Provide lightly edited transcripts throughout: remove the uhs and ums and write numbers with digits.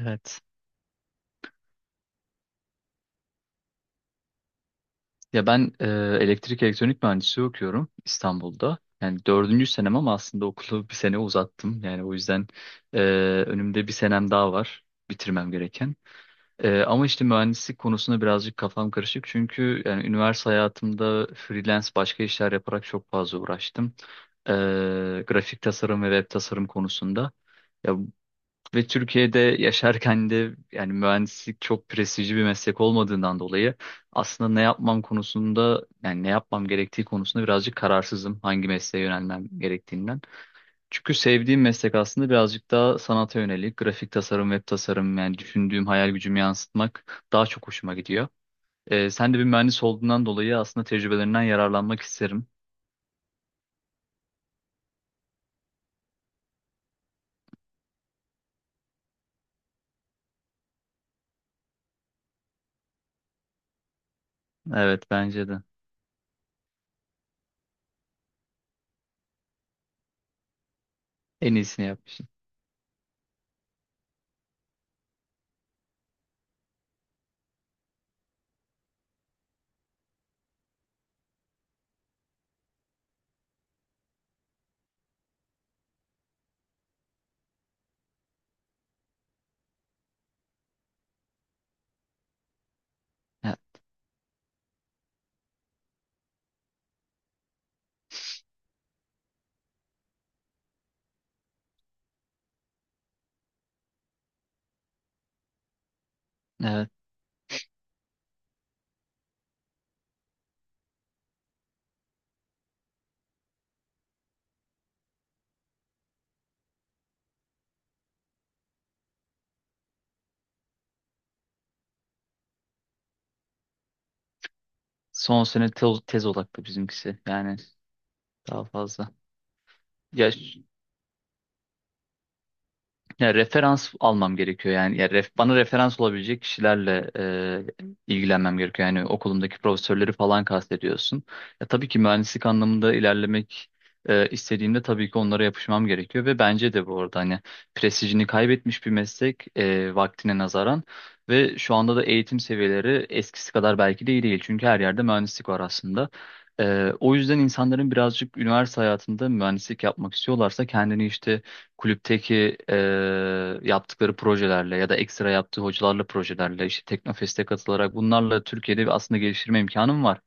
Evet. Ya ben e, Elektrik elektronik mühendisliği okuyorum İstanbul'da. Yani dördüncü senem ama aslında okulu bir sene uzattım. Yani o yüzden e, önümde bir senem daha var bitirmem gereken. Ama işte mühendislik konusunda birazcık kafam karışık. Çünkü yani üniversite hayatımda freelance başka işler yaparak çok fazla uğraştım. E, Grafik tasarım ve web tasarım konusunda. Ya Ve Türkiye'de yaşarken de yani mühendislik çok prestijli bir meslek olmadığından dolayı aslında ne yapmam konusunda yani ne yapmam gerektiği konusunda birazcık kararsızım hangi mesleğe yönelmem gerektiğinden. Çünkü sevdiğim meslek aslında birazcık daha sanata yönelik grafik tasarım, web tasarım yani düşündüğüm hayal gücümü yansıtmak daha çok hoşuma gidiyor. Sen de bir mühendis olduğundan dolayı aslında tecrübelerinden yararlanmak isterim. Evet, bence de en iyisini yapmışsın. Ya, evet, son sene tez odaklı bizimkisi yani. Daha fazla. Ya, ş- Ya referans almam gerekiyor yani. Ya ref, bana referans olabilecek kişilerle ilgilenmem gerekiyor. Yani okulumdaki profesörleri falan kastediyorsun. Ya, tabii ki mühendislik anlamında ilerlemek istediğimde tabii ki onlara yapışmam gerekiyor ve bence de bu arada hani prestijini kaybetmiş bir meslek vaktine nazaran ve şu anda da eğitim seviyeleri eskisi kadar belki de iyi değil. Çünkü her yerde mühendislik var aslında. O yüzden insanların birazcık üniversite hayatında mühendislik yapmak istiyorlarsa kendini işte kulüpteki yaptıkları projelerle ya da ekstra yaptığı hocalarla projelerle işte Teknofest'e katılarak bunlarla Türkiye'de bir aslında geliştirme imkanım var.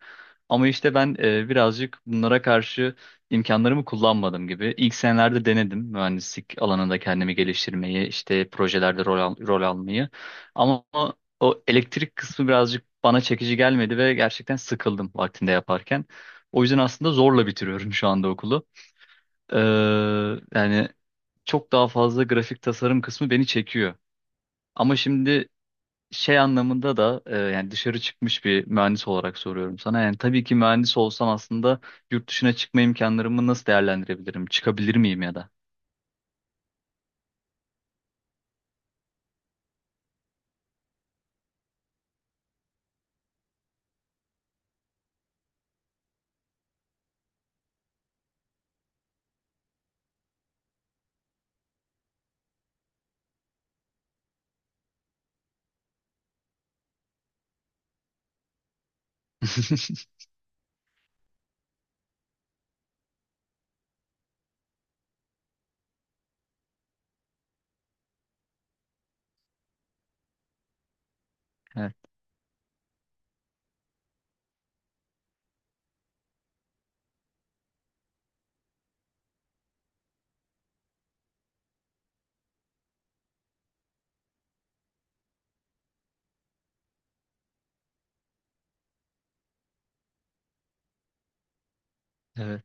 Ama işte ben birazcık bunlara karşı imkanlarımı kullanmadım gibi. İlk senelerde denedim mühendislik alanında kendimi geliştirmeyi, işte projelerde rol almayı. Ama o elektrik kısmı birazcık bana çekici gelmedi ve gerçekten sıkıldım vaktinde yaparken. O yüzden aslında zorla bitiriyorum şu anda okulu. Ee, yani çok daha fazla grafik tasarım kısmı beni çekiyor. Ama şimdi şey anlamında da yani dışarı çıkmış bir mühendis olarak soruyorum sana. Yani tabii ki mühendis olsam aslında yurt dışına çıkma imkanlarımı nasıl değerlendirebilirim? Çıkabilir miyim ya da? Evet. Evet.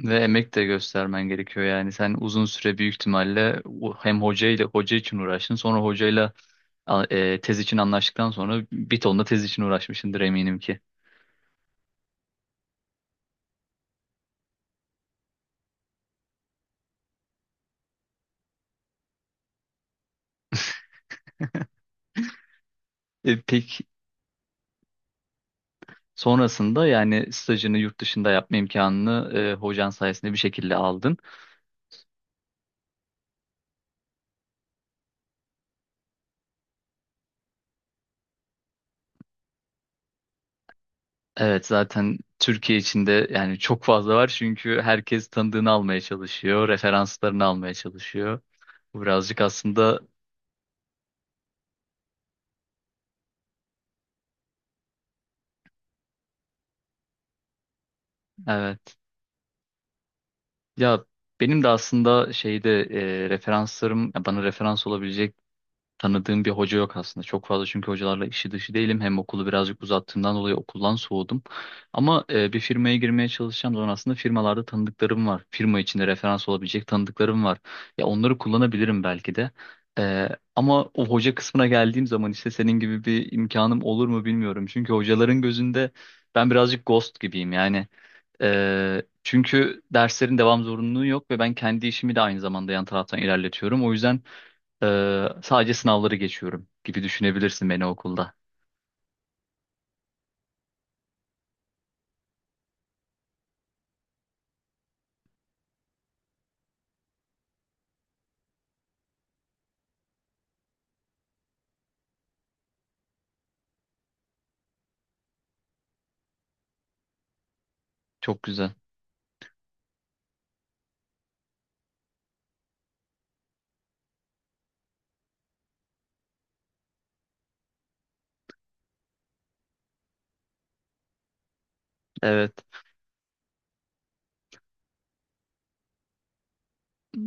Ve emek de göstermen gerekiyor yani sen uzun süre büyük ihtimalle hem hocayla hoca için uğraştın sonra hocayla tez için anlaştıktan sonra bir ton da tez için uğraşmışsındır eminim ki. Peki, sonrasında yani stajını yurt dışında yapma imkanını hocan sayesinde bir şekilde aldın. Evet, zaten Türkiye içinde yani çok fazla var çünkü herkes tanıdığını almaya çalışıyor, referanslarını almaya çalışıyor. Bu birazcık aslında evet. Ya benim de aslında şeyde referanslarım ya bana referans olabilecek tanıdığım bir hoca yok aslında. Çok fazla çünkü hocalarla işi dışı değilim. Hem okulu birazcık uzattığımdan dolayı okuldan soğudum. Ama bir firmaya girmeye çalışacağım zaman aslında firmalarda tanıdıklarım var. Firma içinde referans olabilecek tanıdıklarım var. Ya onları kullanabilirim belki de. E, Ama o hoca kısmına geldiğim zaman işte senin gibi bir imkanım olur mu bilmiyorum. Çünkü hocaların gözünde ben birazcık ghost gibiyim yani. Çünkü derslerin devam zorunluluğu yok ve ben kendi işimi de aynı zamanda yan taraftan ilerletiyorum. O yüzden sadece sınavları geçiyorum gibi düşünebilirsin beni okulda. Çok güzel. Evet.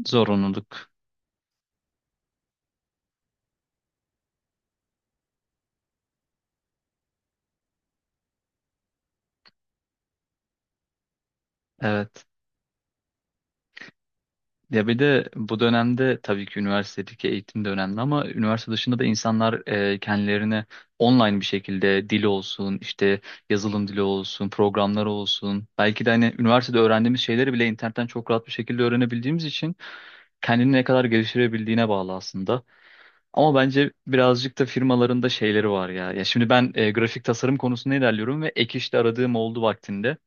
Zorunluluk. Evet. Ya bir de bu dönemde tabii ki üniversitedeki eğitim de önemli ama üniversite dışında da insanlar kendilerine online bir şekilde dil olsun, işte yazılım dili olsun, programlar olsun. Belki de hani üniversitede öğrendiğimiz şeyleri bile internetten çok rahat bir şekilde öğrenebildiğimiz için kendini ne kadar geliştirebildiğine bağlı aslında. Ama bence birazcık da firmaların da şeyleri var ya. Ya şimdi ben grafik tasarım konusunda ilerliyorum ve ek işte aradığım oldu vaktinde.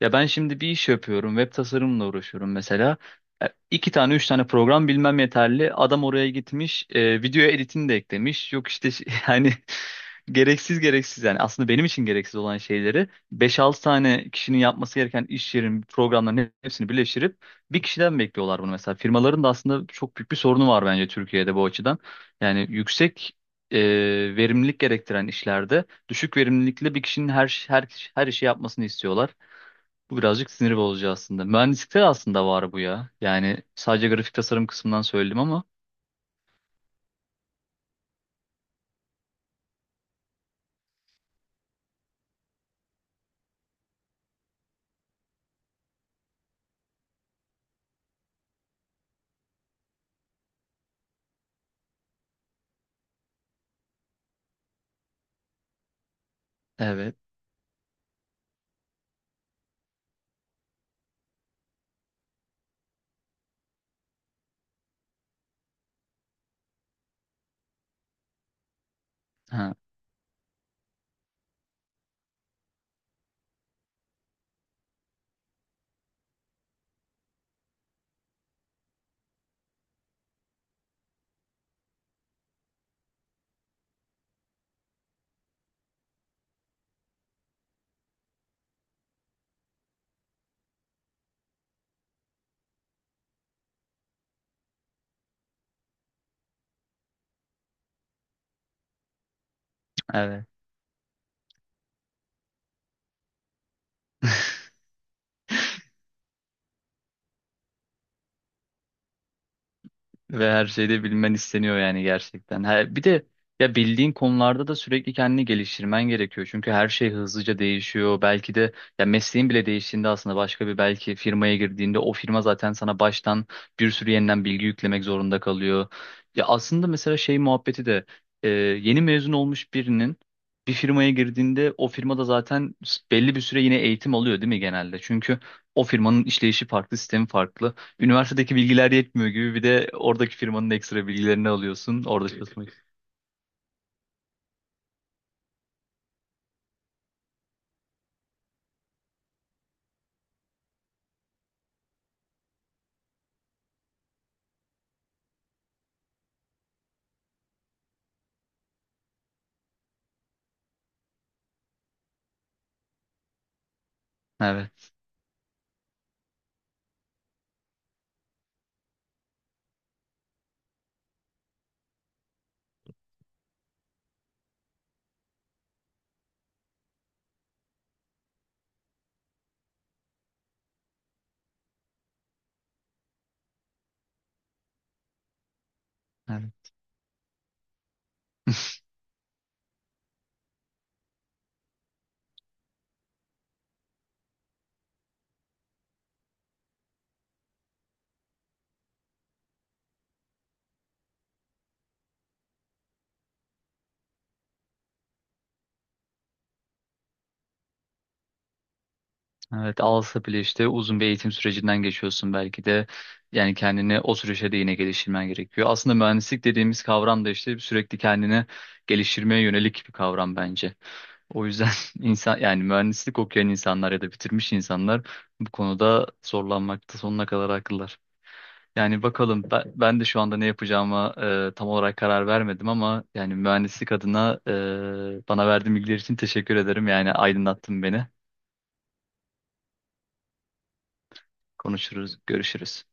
Ya ben şimdi bir iş yapıyorum. Web tasarımla uğraşıyorum mesela. İki tane, üç tane program bilmem yeterli. Adam oraya gitmiş, video editini de eklemiş. Yok işte yani gereksiz gereksiz yani aslında benim için gereksiz olan şeyleri beş altı tane kişinin yapması gereken iş yerin programların hepsini birleştirip bir kişiden bekliyorlar bunu mesela. Firmaların da aslında çok büyük bir sorunu var bence Türkiye'de bu açıdan. Yani yüksek e, verimlilik gerektiren işlerde düşük verimlilikle bir kişinin her işi yapmasını istiyorlar. Bu birazcık sinir bozucu aslında. Mühendislikte de aslında var bu ya. Yani sadece grafik tasarım kısmından söyledim ama. Evet. Ha, evet. Ve her şeyde bilmen isteniyor yani gerçekten. Ha bir de ya bildiğin konularda da sürekli kendini geliştirmen gerekiyor. Çünkü her şey hızlıca değişiyor. Belki de ya mesleğin bile değiştiğinde aslında başka bir belki firmaya girdiğinde o firma zaten sana baştan bir sürü yeniden bilgi yüklemek zorunda kalıyor. Ya aslında mesela şey muhabbeti de yeni mezun olmuş birinin bir firmaya girdiğinde o firmada zaten belli bir süre yine eğitim alıyor değil mi genelde? Çünkü o firmanın işleyişi farklı, sistemi farklı. Üniversitedeki bilgiler yetmiyor gibi bir de oradaki firmanın ekstra bilgilerini alıyorsun. Orada çalışmak. Evet. Evet. Evet, alsa bile işte uzun bir eğitim sürecinden geçiyorsun belki de. Yani kendini o süreçte de yine geliştirmen gerekiyor. Aslında mühendislik dediğimiz kavram da işte sürekli kendini geliştirmeye yönelik bir kavram bence. O yüzden insan yani mühendislik okuyan insanlar ya da bitirmiş insanlar bu konuda zorlanmakta sonuna kadar haklılar. Yani bakalım ben de şu anda ne yapacağıma tam olarak karar vermedim ama yani mühendislik adına bana verdiğin bilgiler için teşekkür ederim. Yani aydınlattın beni. Konuşuruz, görüşürüz.